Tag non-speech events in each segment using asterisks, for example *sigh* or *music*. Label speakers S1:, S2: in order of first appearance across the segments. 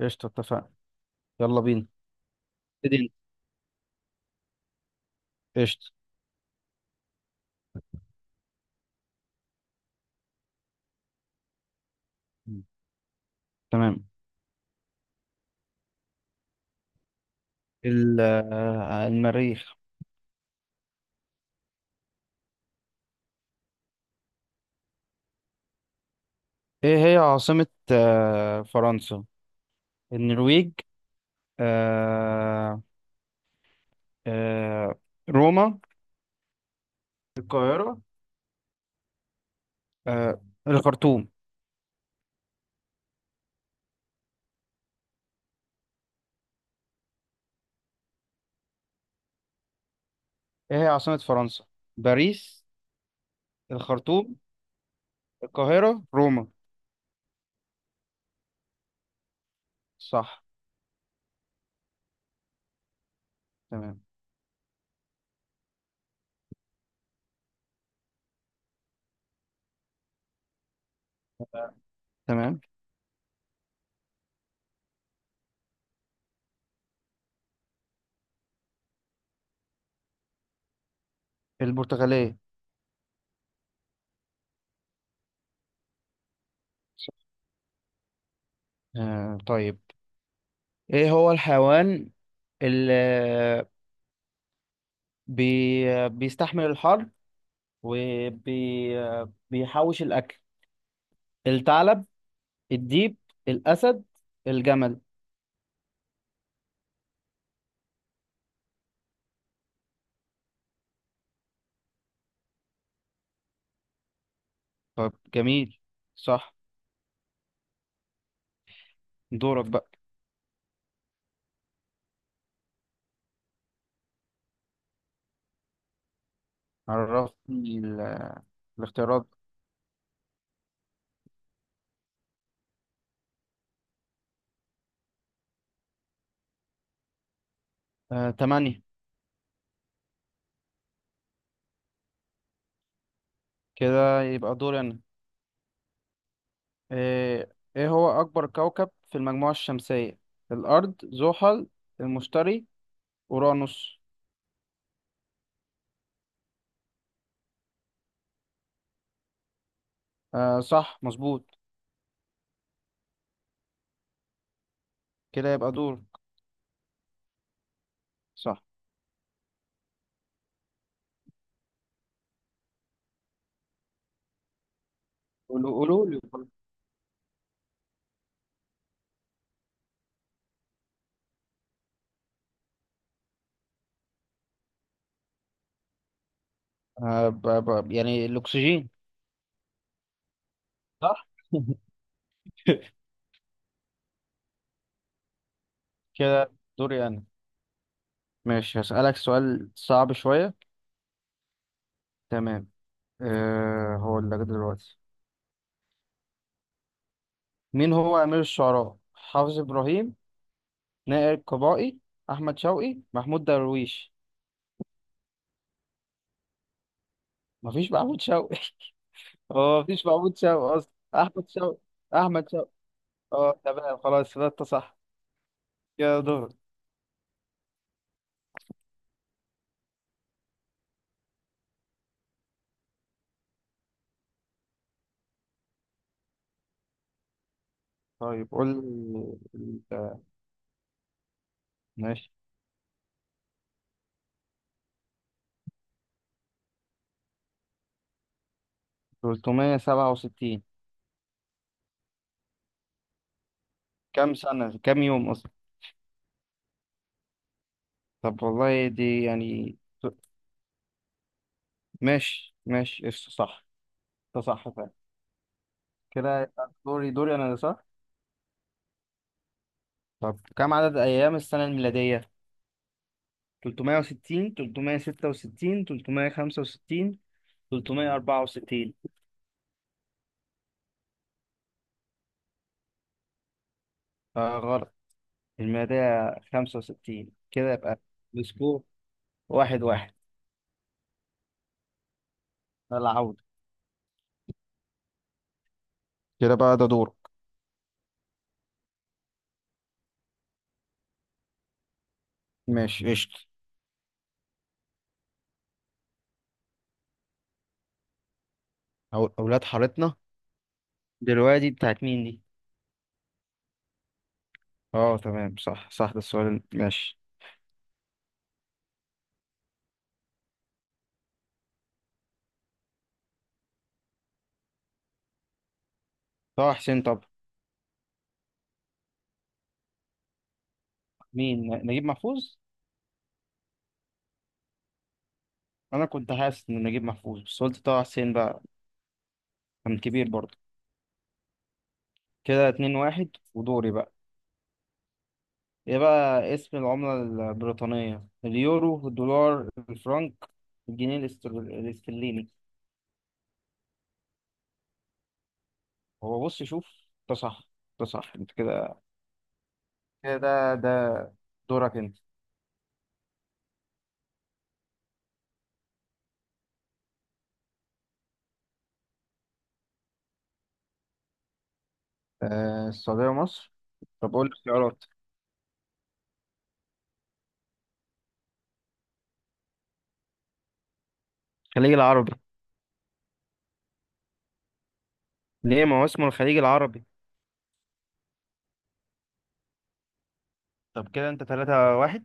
S1: قشطة، اتفقنا. يلا بينا. ابتدي انت. قشطة. تمام. ال- آه، المريخ. ايه هي عاصمة فرنسا، النرويج، آه، آه، روما، القاهرة، آه، الخرطوم. ايه هي عاصمة فرنسا؟ باريس، الخرطوم، القاهرة، روما. صح. تمام تمام. البرتغالية. طيب. ايه هو الحيوان اللي بي... بيستحمل الحر وبيحوش الأكل؟ الثعلب، الديب، الأسد، الجمل. طب جميل، صح. دورك بقى. عرفني الاختيارات. تمانية. كده يبقى دوري أنا. آه، إيه هو أكبر كوكب في المجموعة الشمسية؟ الأرض، زحل، المشتري، أورانوس. صح، مظبوط. كده يبقى دورك. صح. قولوا، قولوا لي. آه، ب- يعني الأكسجين. صح. *laughs* كده دوري أنا. ماشي، هسألك سؤال صعب شوية. تمام. أه هو اللي جه دلوقتي. مين هو أمير الشعراء؟ حافظ إبراهيم، نائر قبائي، أحمد شوقي، محمود درويش. مفيش محمود شوقي. *laughs* هو مفيش محمود شوقي أصلا، أحمد شوقي. أحمد شوقي. أه تمام، خلاص ده أنت صح. يا دور. طيب قول ال- ماشي، 367. كم سنة كم يوم أصلا. طب والله دي يعني. ماشي ماشي، قشطة، صح. ده صح. كده يبقى دوري، انا، صح. طب كم عدد ايام السنة الميلادية؟ 360، 366، 365، 364. آه غلط. الميلادية 65. كده يبقى السكور واحد واحد. العودة. كده بقى ده دورك. ماشي، قشطة. أو أولاد حارتنا. دلوقتي بتاعت مين دي؟ اه تمام، صح صح، ده السؤال، ماشي. طه حسين. طب مين نجيب محفوظ؟ أنا كنت حاسس إن نجيب محفوظ بس قلت طه حسين بقى. كان كبير برضه. كده اتنين واحد ودوري بقى. ايه بقى اسم العملة البريطانية؟ اليورو، الدولار، الفرنك، الجنيه الاسترليني. هو بص شوف، ده صح، ده صح. انت كده، ده دورك انت. آه، السعودية ومصر. طب قول لي اختيارات. الخليج العربي. ليه، ما هو اسمه الخليج العربي. طب كده انت تلاتة واحد.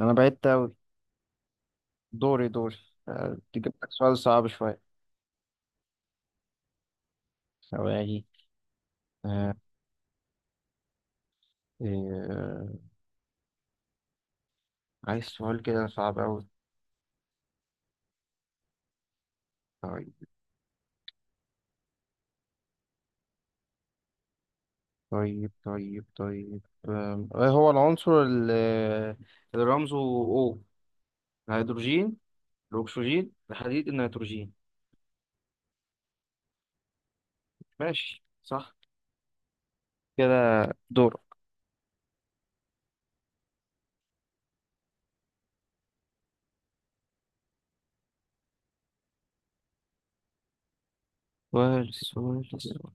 S1: انا بعدت اوي. دوري، تجيب لك سؤال صعب شوية. ثواني. آه، إيه، آه، عايز سؤال كده صعب اوي. طيب طيب طيب، ايه هو العنصر اللي رمزه O؟ الهيدروجين، الأكسجين، الحديد، النيتروجين. ماشي، صح. كده دور. سؤال.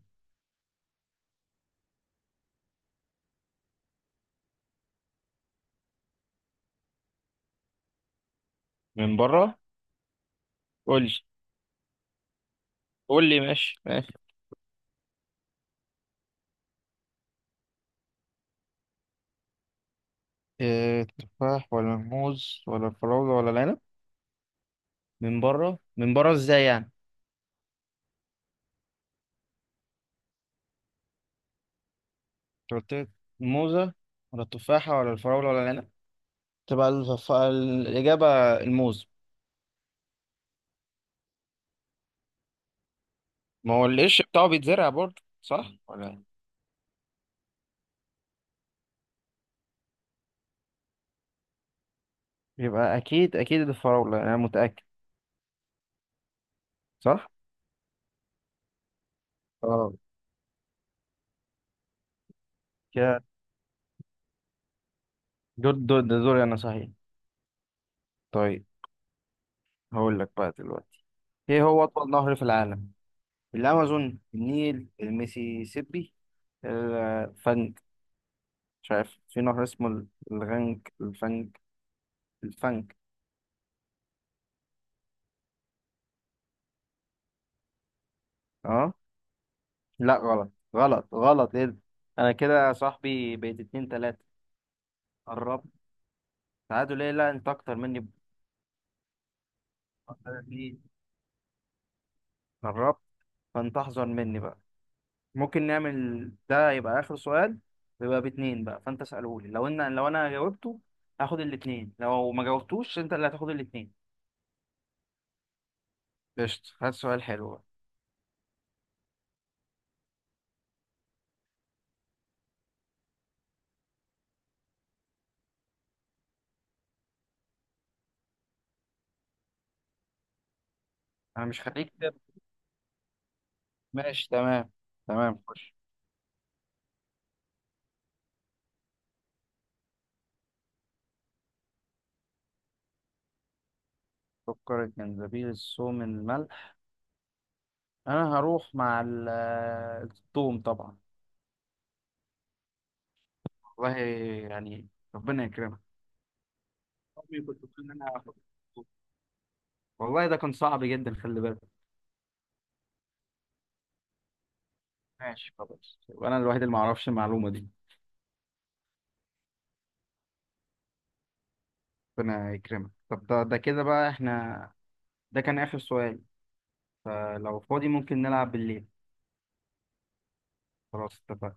S1: من بره. قول لي، قول لي ماشي ماشي. إيه، تفاح ولا موز ولا فراولة ولا العنب؟ من بره، من بره ازاي يعني؟ أنت قلت لي الموزة ولا التفاحة ولا الفراولة ولا العنب. تبقى الإجابة الموز. ما هو القش بتاعه بيتزرع برضه، صح ولا؟ يبقى اكيد، الفراولة يعني، انا متأكد. صح. اه. كده دور، ده دوري انا صحيح. طيب، هقول لك بقى دلوقتي. ايه هو اطول نهر في العالم؟ الامازون، النيل، الميسيسيبي، الفنج. مش عارف في نهر اسمه الغنج، الفنج، الفنج. اه. لا غلط غلط غلط، ايه ده؟ انا كده يا صاحبي بقيت اتنين تلاتة. قربت. تعادل ايه، لا انت اكتر مني قربت. فانت احذر مني بقى. ممكن نعمل ده يبقى آخر سؤال، ويبقى باتنين بقى. فأنت اسأله لي، لو أنا جاوبته هاخد الاتنين، لو ما جاوبتوش أنت اللي هتاخد الاتنين. قشطة، هات سؤال حلو بقى. أنا مش، خليك كده. ماشي تمام. تمام، خش. سكر، الجنزبيل، الثوم، الملح. أنا هروح مع الثوم طبعا. والله يعني، ربنا يكرمك. أمي كنت بتقول إن أنا هاخد الثوم. والله ده كان صعب جدا، خلي بالك. ماشي خلاص، وأنا الوحيد اللي ما أعرفش المعلومة دي. ربنا يكرمك. طب ده، كده بقى احنا ده كان آخر سؤال. فلو فاضي ممكن نلعب بالليل. خلاص، اتفقنا.